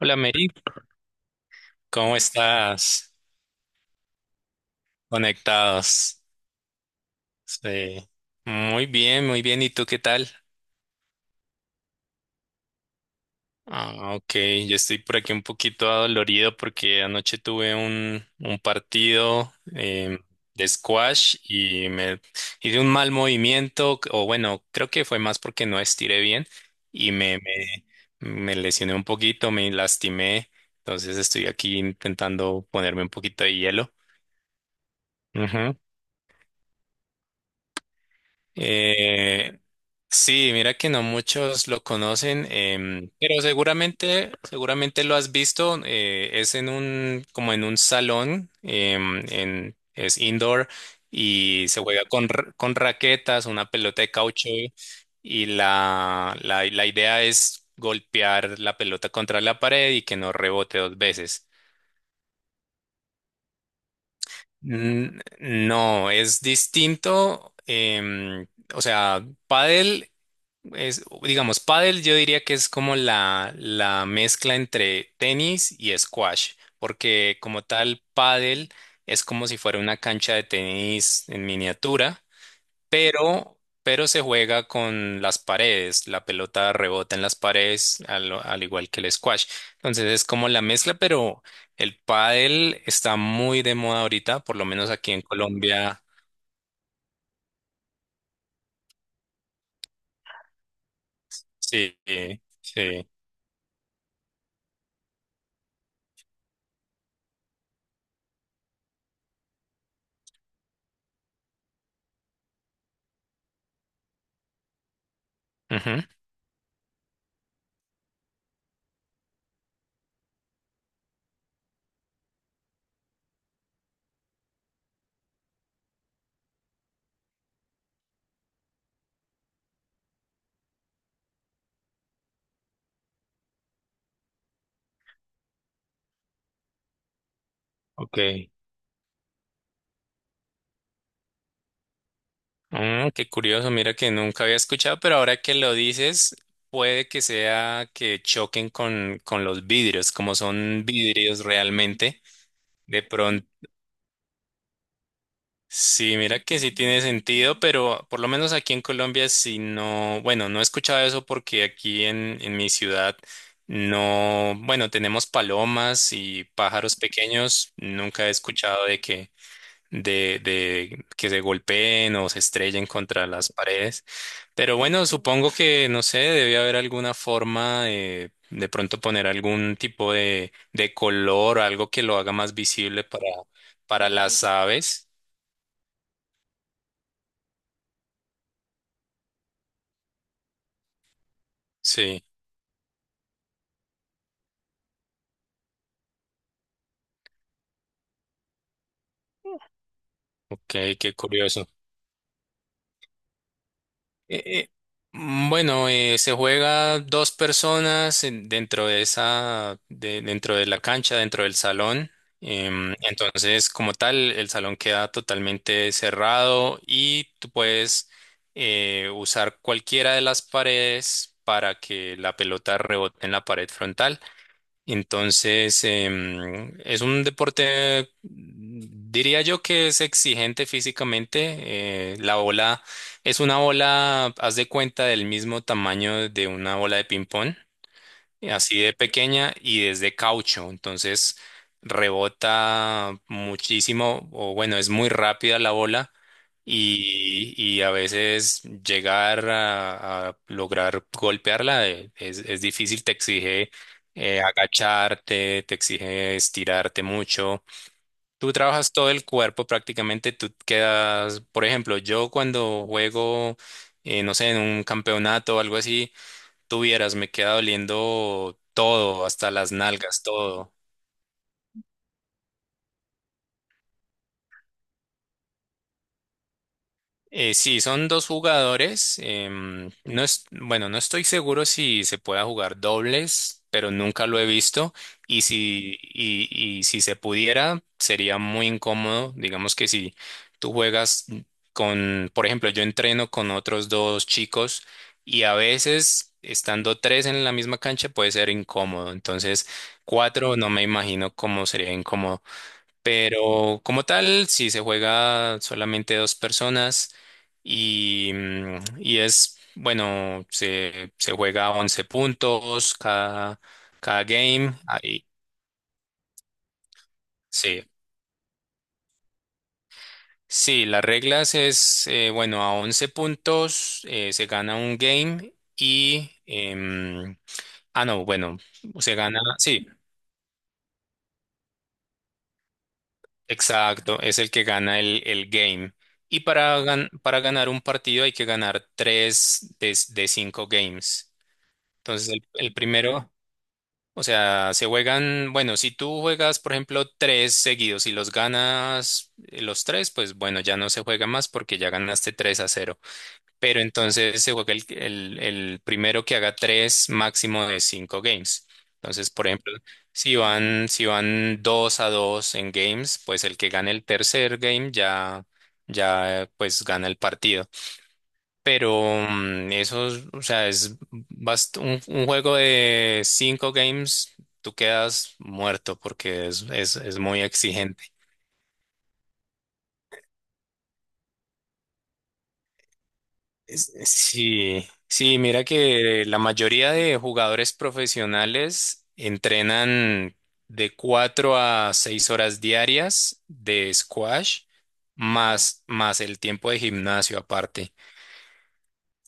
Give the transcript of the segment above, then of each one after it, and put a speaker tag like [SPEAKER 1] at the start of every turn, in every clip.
[SPEAKER 1] Hola, Mary, ¿cómo estás? Conectados. Sí. Muy bien, muy bien. ¿Y tú qué tal? Ah, ok. Yo estoy por aquí un poquito adolorido porque anoche tuve un partido de squash y me hice un mal movimiento, o bueno, creo que fue más porque no estiré bien y me lesioné un poquito, me lastimé. Entonces estoy aquí intentando ponerme un poquito de hielo. Eh, sí, mira que no muchos lo conocen, pero seguramente lo has visto. Es en un, como en un salón, es indoor y se juega con, con raquetas, una pelota de caucho y la idea es golpear la pelota contra la pared y que no rebote dos veces. No, es distinto. O sea, pádel. Es, digamos, pádel yo diría que es como la mezcla entre tenis y squash, porque como tal, pádel es como si fuera una cancha de tenis en miniatura, pero se juega con las paredes, la pelota rebota en las paredes, al igual que el squash. Entonces es como la mezcla, pero el pádel está muy de moda ahorita, por lo menos aquí en Colombia. Sí, sí. Ujú. Ok. Mm, qué curioso, mira que nunca había escuchado, pero ahora que lo dices, puede que sea que choquen con los vidrios, como son vidrios realmente. De pronto, sí, mira que sí tiene sentido, pero por lo menos aquí en Colombia, si no, bueno, no he escuchado eso porque aquí en mi ciudad no, bueno, tenemos palomas y pájaros pequeños, nunca he escuchado de que de que se golpeen o se estrellen contra las paredes. Pero bueno, supongo que, no sé, debe haber alguna forma de pronto poner algún tipo de color, algo que lo haga más visible para las aves. Sí, ok, qué curioso. Eh, eh, bueno, se juega dos personas dentro de esa, dentro de la cancha, dentro del salón. Entonces, como tal, el salón queda totalmente cerrado y tú puedes usar cualquiera de las paredes para que la pelota rebote en la pared frontal. Entonces, es un deporte, mm, diría yo que es exigente físicamente. La bola es una bola, haz de cuenta, del mismo tamaño de una bola de ping-pong. Y así de pequeña y desde caucho, entonces rebota muchísimo, o bueno, es muy rápida la bola y a veces llegar a lograr golpearla, es difícil, te exige agacharte, te exige estirarte mucho. Tú trabajas todo el cuerpo prácticamente, tú quedas, por ejemplo, yo cuando juego, no sé, en un campeonato o algo así, tuvieras, me queda doliendo todo, hasta las nalgas, todo. Sí, son dos jugadores. No es, bueno, no estoy seguro si se pueda jugar dobles, pero nunca lo he visto. Y si, y, y si se pudiera, sería muy incómodo. Digamos que si tú juegas con, por ejemplo, yo entreno con otros dos chicos y a veces estando tres en la misma cancha puede ser incómodo. Entonces, cuatro no me imagino cómo sería incómodo. Pero como tal, si se juega solamente dos personas y, mm, y es, bueno, se juega 11 puntos cada, cada game. Ahí, sí. Sí, las reglas es, bueno, a 11 puntos, se gana un game y no, bueno, se gana, sí. Exacto, es el que gana el game. Y para, para ganar un partido hay que ganar tres de cinco games. Entonces, el primero, o sea, se juegan, bueno, si tú juegas, por ejemplo, tres seguidos y los ganas, los tres, pues bueno, ya no se juega más porque ya ganaste tres a cero, pero entonces se juega el, el primero que haga tres, máximo de cinco games. Entonces, por ejemplo, si van dos a dos en games, pues el que gane el tercer game ya, ya pues gana el partido. Pero mm, eso, es, o sea, es un juego de cinco games, tú quedas muerto porque es muy exigente. Sí, sí, mira que la mayoría de jugadores profesionales entrenan de cuatro a seis horas diarias de squash más, más el tiempo de gimnasio aparte,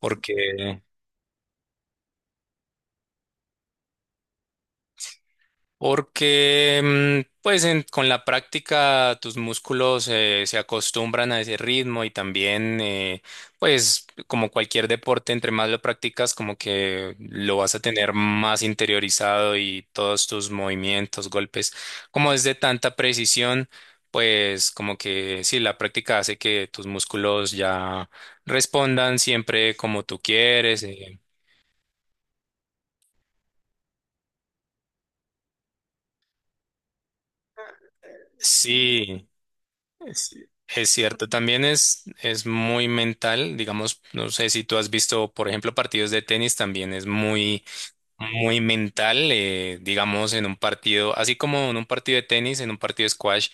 [SPEAKER 1] porque Porque mm, pues con la práctica tus músculos, se acostumbran a ese ritmo y también, pues como cualquier deporte, entre más lo practicas como que lo vas a tener más interiorizado y todos tus movimientos, golpes, como es de tanta precisión, pues como que sí, la práctica hace que tus músculos ya respondan siempre como tú quieres. Sí, Es, es cierto, también es muy mental, digamos, no sé si tú has visto, por ejemplo, partidos de tenis, también es muy, muy mental, digamos, en un partido, así como en un partido de tenis, en un partido de squash,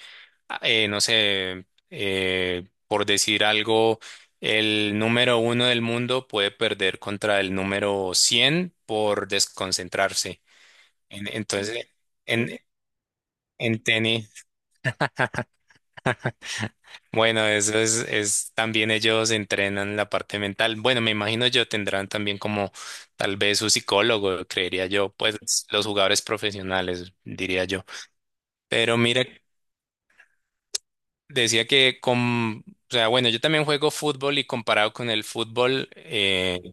[SPEAKER 1] no sé, por decir algo, el número uno del mundo puede perder contra el número 100 por desconcentrarse. Entonces, en, en tenis. Bueno, eso es también ellos entrenan la parte mental. Bueno, me imagino yo tendrán también como tal vez su psicólogo, creería yo, pues los jugadores profesionales, diría yo. Pero mira, decía que con, o sea, bueno, yo también juego fútbol y comparado con el fútbol,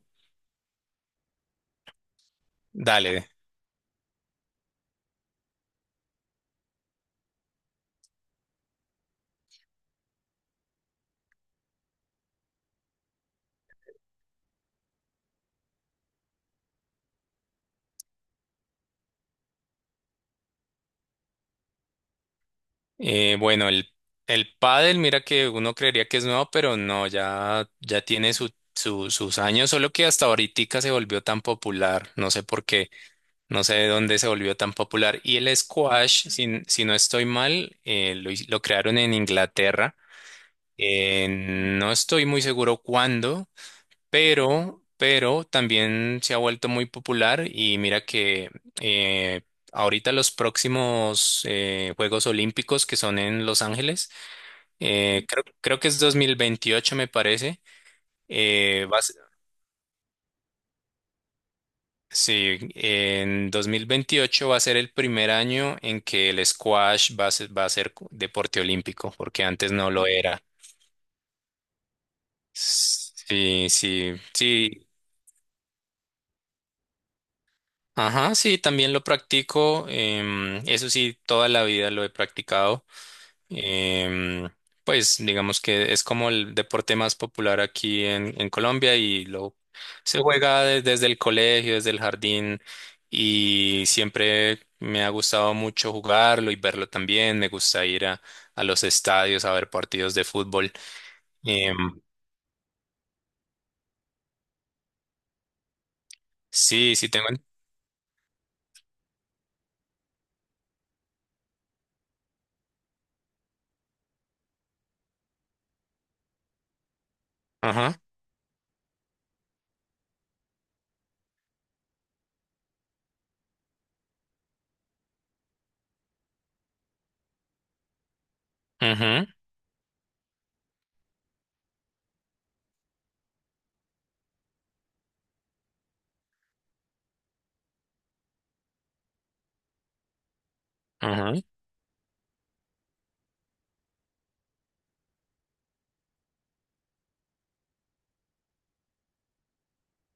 [SPEAKER 1] dale, bueno, el pádel, mira que uno creería que es nuevo, pero no, ya, ya tiene su, sus años, solo que hasta ahorita se volvió tan popular, no sé por qué. No sé de dónde se volvió tan popular. Y el squash, si, si no estoy mal, lo crearon en Inglaterra. No estoy muy seguro cuándo, pero también se ha vuelto muy popular. Y mira que eh, ahorita los próximos, Juegos Olímpicos que son en Los Ángeles, creo, creo que es 2028, me parece. Va Sí, en 2028 va a ser el primer año en que el squash va a ser deporte olímpico, porque antes no lo era. Sí, sí, sí. Ajá, sí, también lo practico. Eso sí, toda la vida lo he practicado. Em, pues digamos que es como el deporte más popular aquí en Colombia y lo se juega desde el colegio, desde el jardín y siempre me ha gustado mucho jugarlo y verlo también. Me gusta ir a los estadios a ver partidos de fútbol. Em, sí, sí tengo. Ajá, ajá, ajá.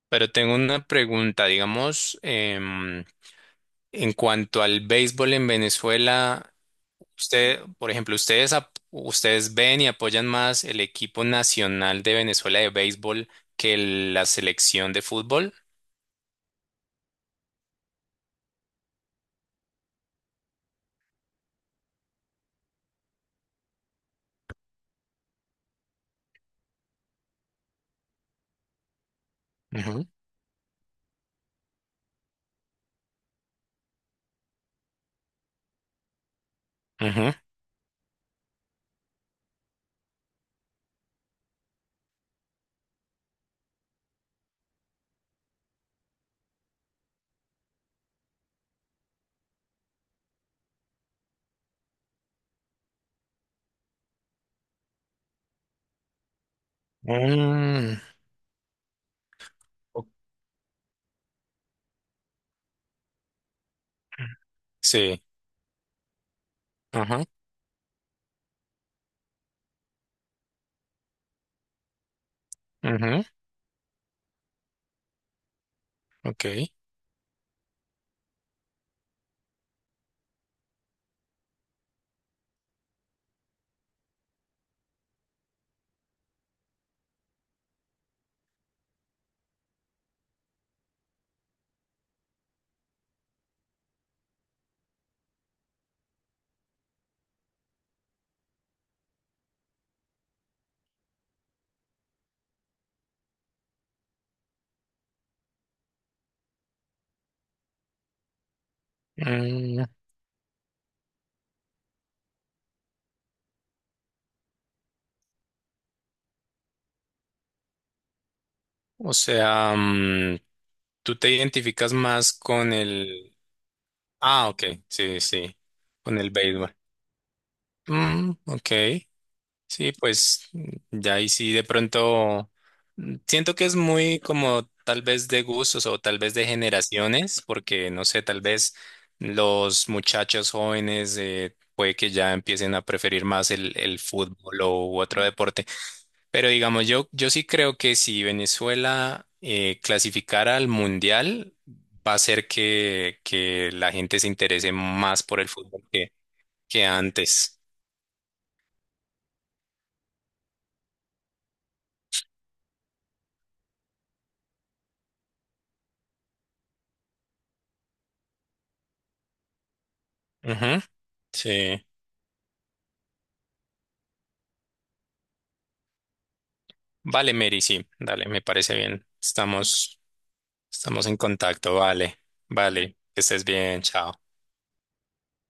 [SPEAKER 1] Pero tengo una pregunta, digamos, en cuanto al béisbol en Venezuela. Usted, por ejemplo, ustedes, ustedes ven y apoyan más el equipo nacional de Venezuela de béisbol que la selección de fútbol. Ujú, ujú. Mm, o- Sí. Ajá. Ujú, ok. Mm, o sea, mm, tú te identificas más con el... Ah, ok. Sí, sí. Con el béisbol. Mm, ok. Sí, pues ya ahí sí de pronto mm, siento que es muy como tal vez de gustos o tal vez de generaciones, porque no sé, tal vez los muchachos jóvenes, puede que ya empiecen a preferir más el fútbol o, u otro deporte. Pero digamos, yo sí creo que si Venezuela, clasificara al Mundial, va a hacer que la gente se interese más por el fútbol que antes. Ujú, sí. Vale, Mary, sí, dale, me parece bien. Estamos, estamos en contacto, vale, vale, que estés bien, chao.